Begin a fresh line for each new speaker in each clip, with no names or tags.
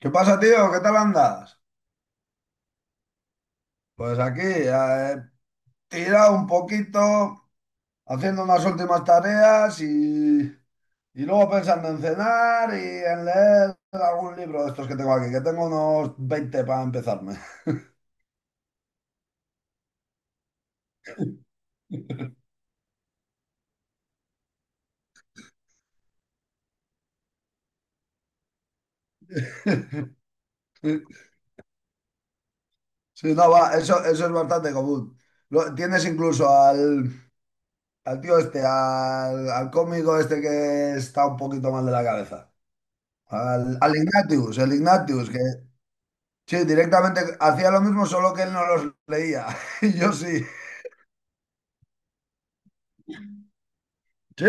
¿Qué pasa, tío? ¿Qué tal andas? Pues aquí, tirado un poquito, haciendo unas últimas tareas y luego pensando en cenar y en leer algún libro de estos que tengo aquí, que tengo unos 20 para empezarme. Sí, no, va, eso es bastante común. Lo- tienes incluso al, al tío este, al cómico este que está un poquito mal de la cabeza. Al, al Ignatius, el Ignatius, que, sí, directamente hacía lo mismo, solo que él no los leía. Y yo sí. Sí,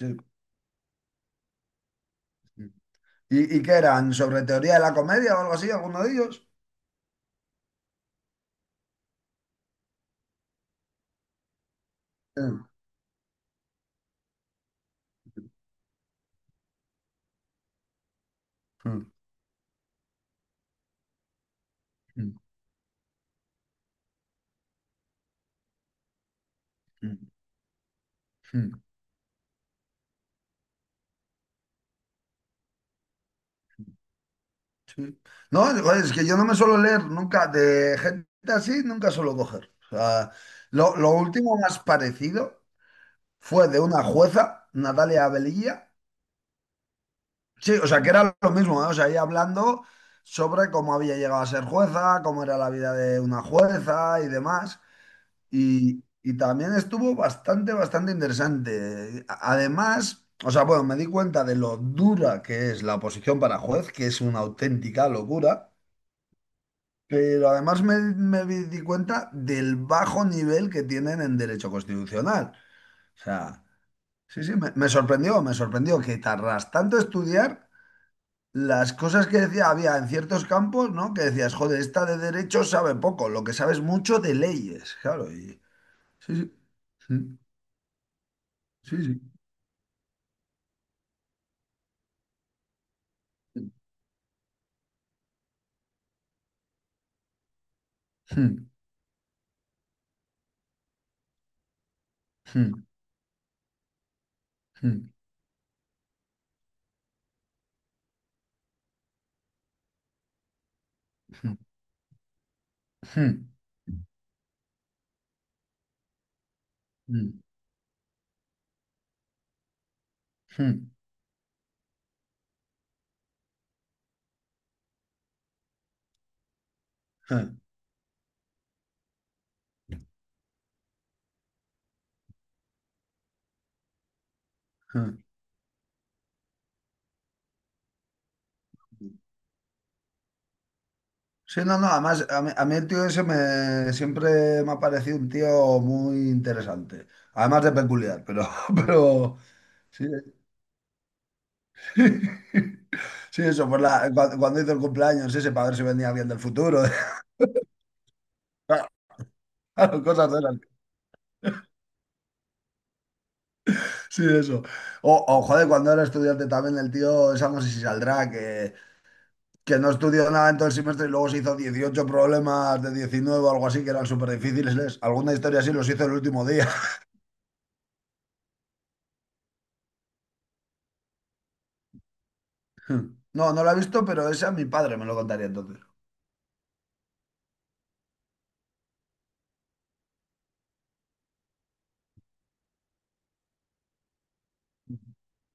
sí. ¿Y qué eran? ¿Sobre teoría de la comedia o algo así, alguno de ellos? Mm, mm, mm, mm, mm, sí. No, joder, es que yo no me suelo leer nunca de gente así, nunca suelo coger. O sea, lo último más parecido fue de una jueza, Natalia Velilla. Sí, o sea, que era lo mismo, ¿eh? O sea, ella hablando sobre cómo había llegado a ser jueza, cómo era la vida de una jueza y demás. Y también estuvo bastante, bastante interesante. A- Además, o sea, bueno, me di cuenta de lo dura que es la oposición para juez, que es una auténtica locura, pero además me, me vi- di cuenta del bajo nivel que tienen en derecho constitucional. O sea, sí, sí, me sorprendió, me sorprendió que tardas tanto estudiar las cosas que decía, había en ciertos campos, ¿no? Que decías, joder, esta de derecho sabe poco, lo que sabes mucho de leyes, claro, y sí, sí. Sí, sí, sí. Sí, no, no, además a mí el tío ese me, siempre me ha parecido un tío muy interesante, además de peculiar, pero, pero sí, sí, eso, por la, cuando hizo el cumpleaños ese para ver si venía alguien del futuro, claro, cosas de esas. Sí, eso. O, joder, cuando era estudiante también el tío, esa no sé si saldrá, que no estudió nada en todo el semestre y luego se hizo 18 problemas de 19 o algo así que eran súper difíciles. Alguna historia así los hizo el último día. No, no la he visto, pero esa mi padre me lo contaría entonces.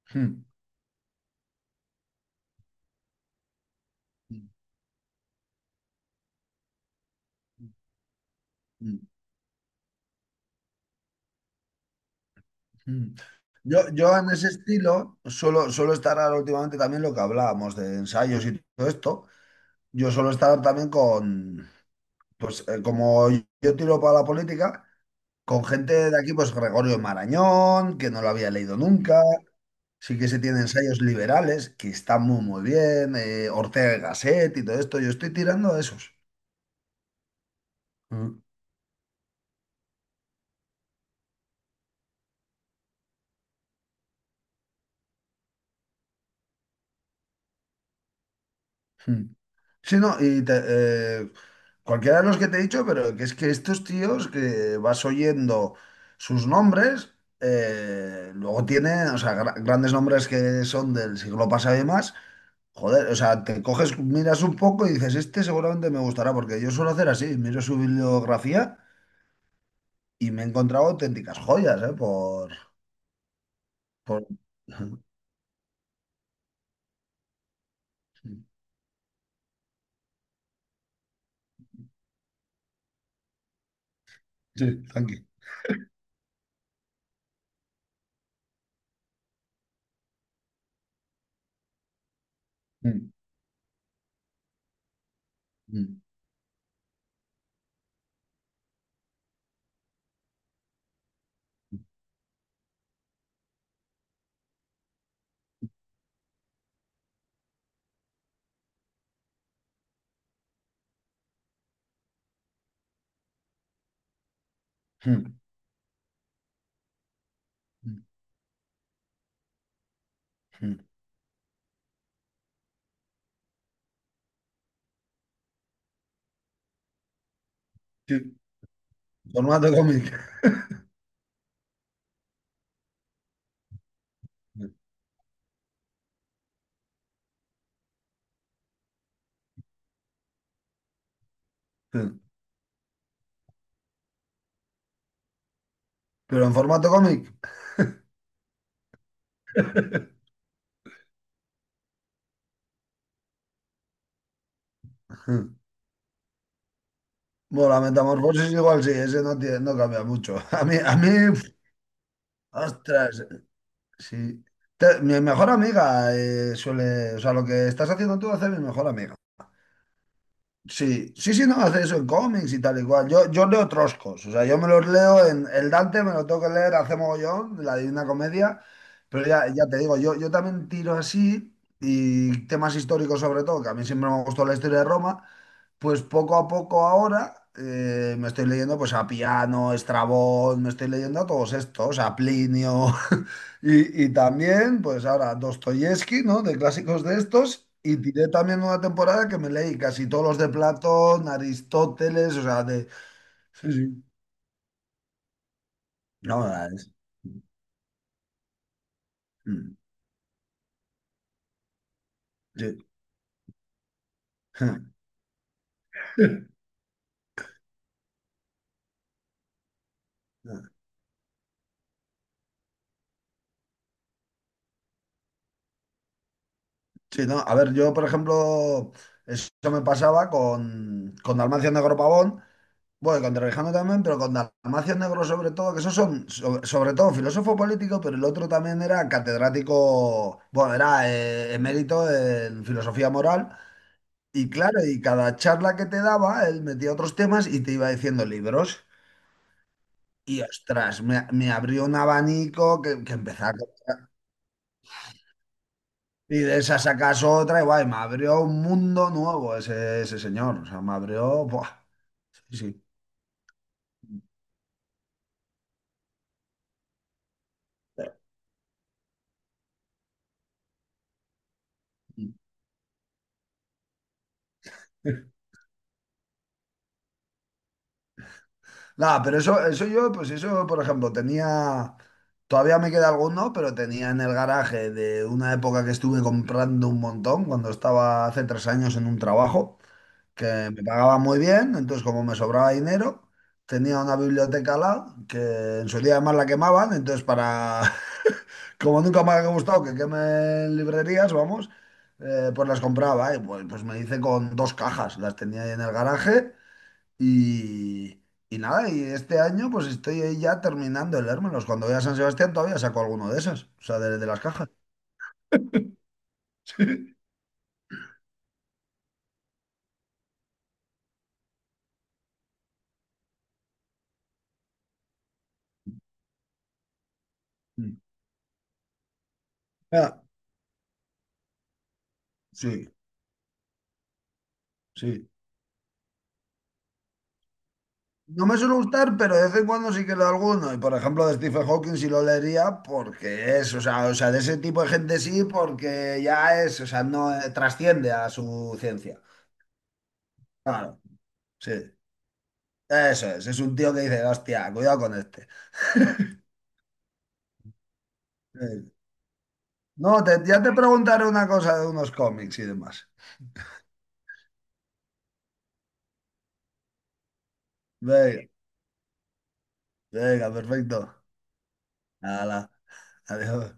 Hmm. Mm, mm. Yo en ese estilo suelo estar ahora últimamente también lo que hablábamos de ensayos y todo esto. Yo suelo estar también con, pues como yo tiro para la política, con gente de aquí, pues Gregorio Marañón, que no lo había leído nunca. Sí que se tiene ensayos liberales, que están muy, muy bien, Ortega y Gasset y todo esto. Yo estoy tirando a esos. Mm. Mm. Sí, no, y eh, cualquiera de los que te he dicho, pero que es que estos tíos que vas oyendo sus nombres, luego tiene, o sea, grandes nombres que son del siglo pasado y más. Joder, o sea, te coges, miras un poco y dices, este seguramente me gustará, porque yo suelo hacer así, miro su bibliografía y me he encontrado auténticas joyas, ¿eh? Por- Ajá. Sí, tranqui. Mm, mm, mm, mm. Sí, formato cómic. Sí. Pero en formato cómic. Sí. Bueno, la metamorfosis igual sí, ese no, tiene- no cambia mucho. A mí, ostras, sí. Mi mejor amiga suele, o sea, lo que estás haciendo tú hace mi mejor amiga. Sí, sí, sí, no, hace eso en cómics y tal y cual. Yo leo troscos, o sea, yo me los leo en el Dante, me lo tengo que leer hace mogollón, la Divina Comedia, pero ya, ya te digo, yo también tiro así y temas históricos sobre todo, que a mí siempre me gustó la historia de Roma, pues poco a poco ahora me estoy leyendo pues a Piano, Estrabón, me estoy leyendo a todos estos, a Plinio y también pues ahora Dostoyevsky, ¿no? De clásicos de estos y tiré también una temporada que me leí casi todos los de Platón, Aristóteles, o sea, de... Sí, sí. No, mm, sí. Sí, no, a ver, yo por ejemplo, eso me pasaba con Dalmacio Negro Pavón, bueno, con Trevijano también, pero con Dalmacio Negro sobre todo, que esos son sobre todo filósofo político, pero el otro también era catedrático, bueno, era emérito en filosofía moral. Y claro, y cada charla que te daba, él metía otros temas y te iba diciendo libros. Y ostras, me abrió un abanico que empezar. Y de esa sacas otra y guay, me abrió un mundo nuevo ese, ese señor. O sea, me abrió... Buah, sí, sí. Nada, pero eso yo, pues eso, por ejemplo, tenía, todavía me queda alguno, pero tenía en el garaje de una época que estuve comprando un montón, cuando estaba hace 3 años en un trabajo, que me pagaba muy bien, entonces como me sobraba dinero, tenía una biblioteca al lado, que en su día además la quemaban, entonces para, como nunca me ha gustado que quemen librerías, vamos, pues las compraba, y pues, me hice con dos cajas, las tenía ahí en el garaje. Y, y nada, y este año pues estoy ahí ya terminando de leérmelos. Cuando voy a San Sebastián todavía saco alguno de esas o sea, de las cajas. Mm. Ah, sí, sí. No me suele gustar, pero de vez en cuando sí que leo alguno. Y por ejemplo, de Stephen Hawking sí lo leería porque es, o sea, de ese tipo de gente sí, porque ya es, o sea, no trasciende a su ciencia. Claro, sí. Eso es un tío que dice, hostia, cuidado con este. Eh, No, ya te preguntaré una cosa de unos cómics y demás. Venga. Venga, perfecto. Nada, adiós.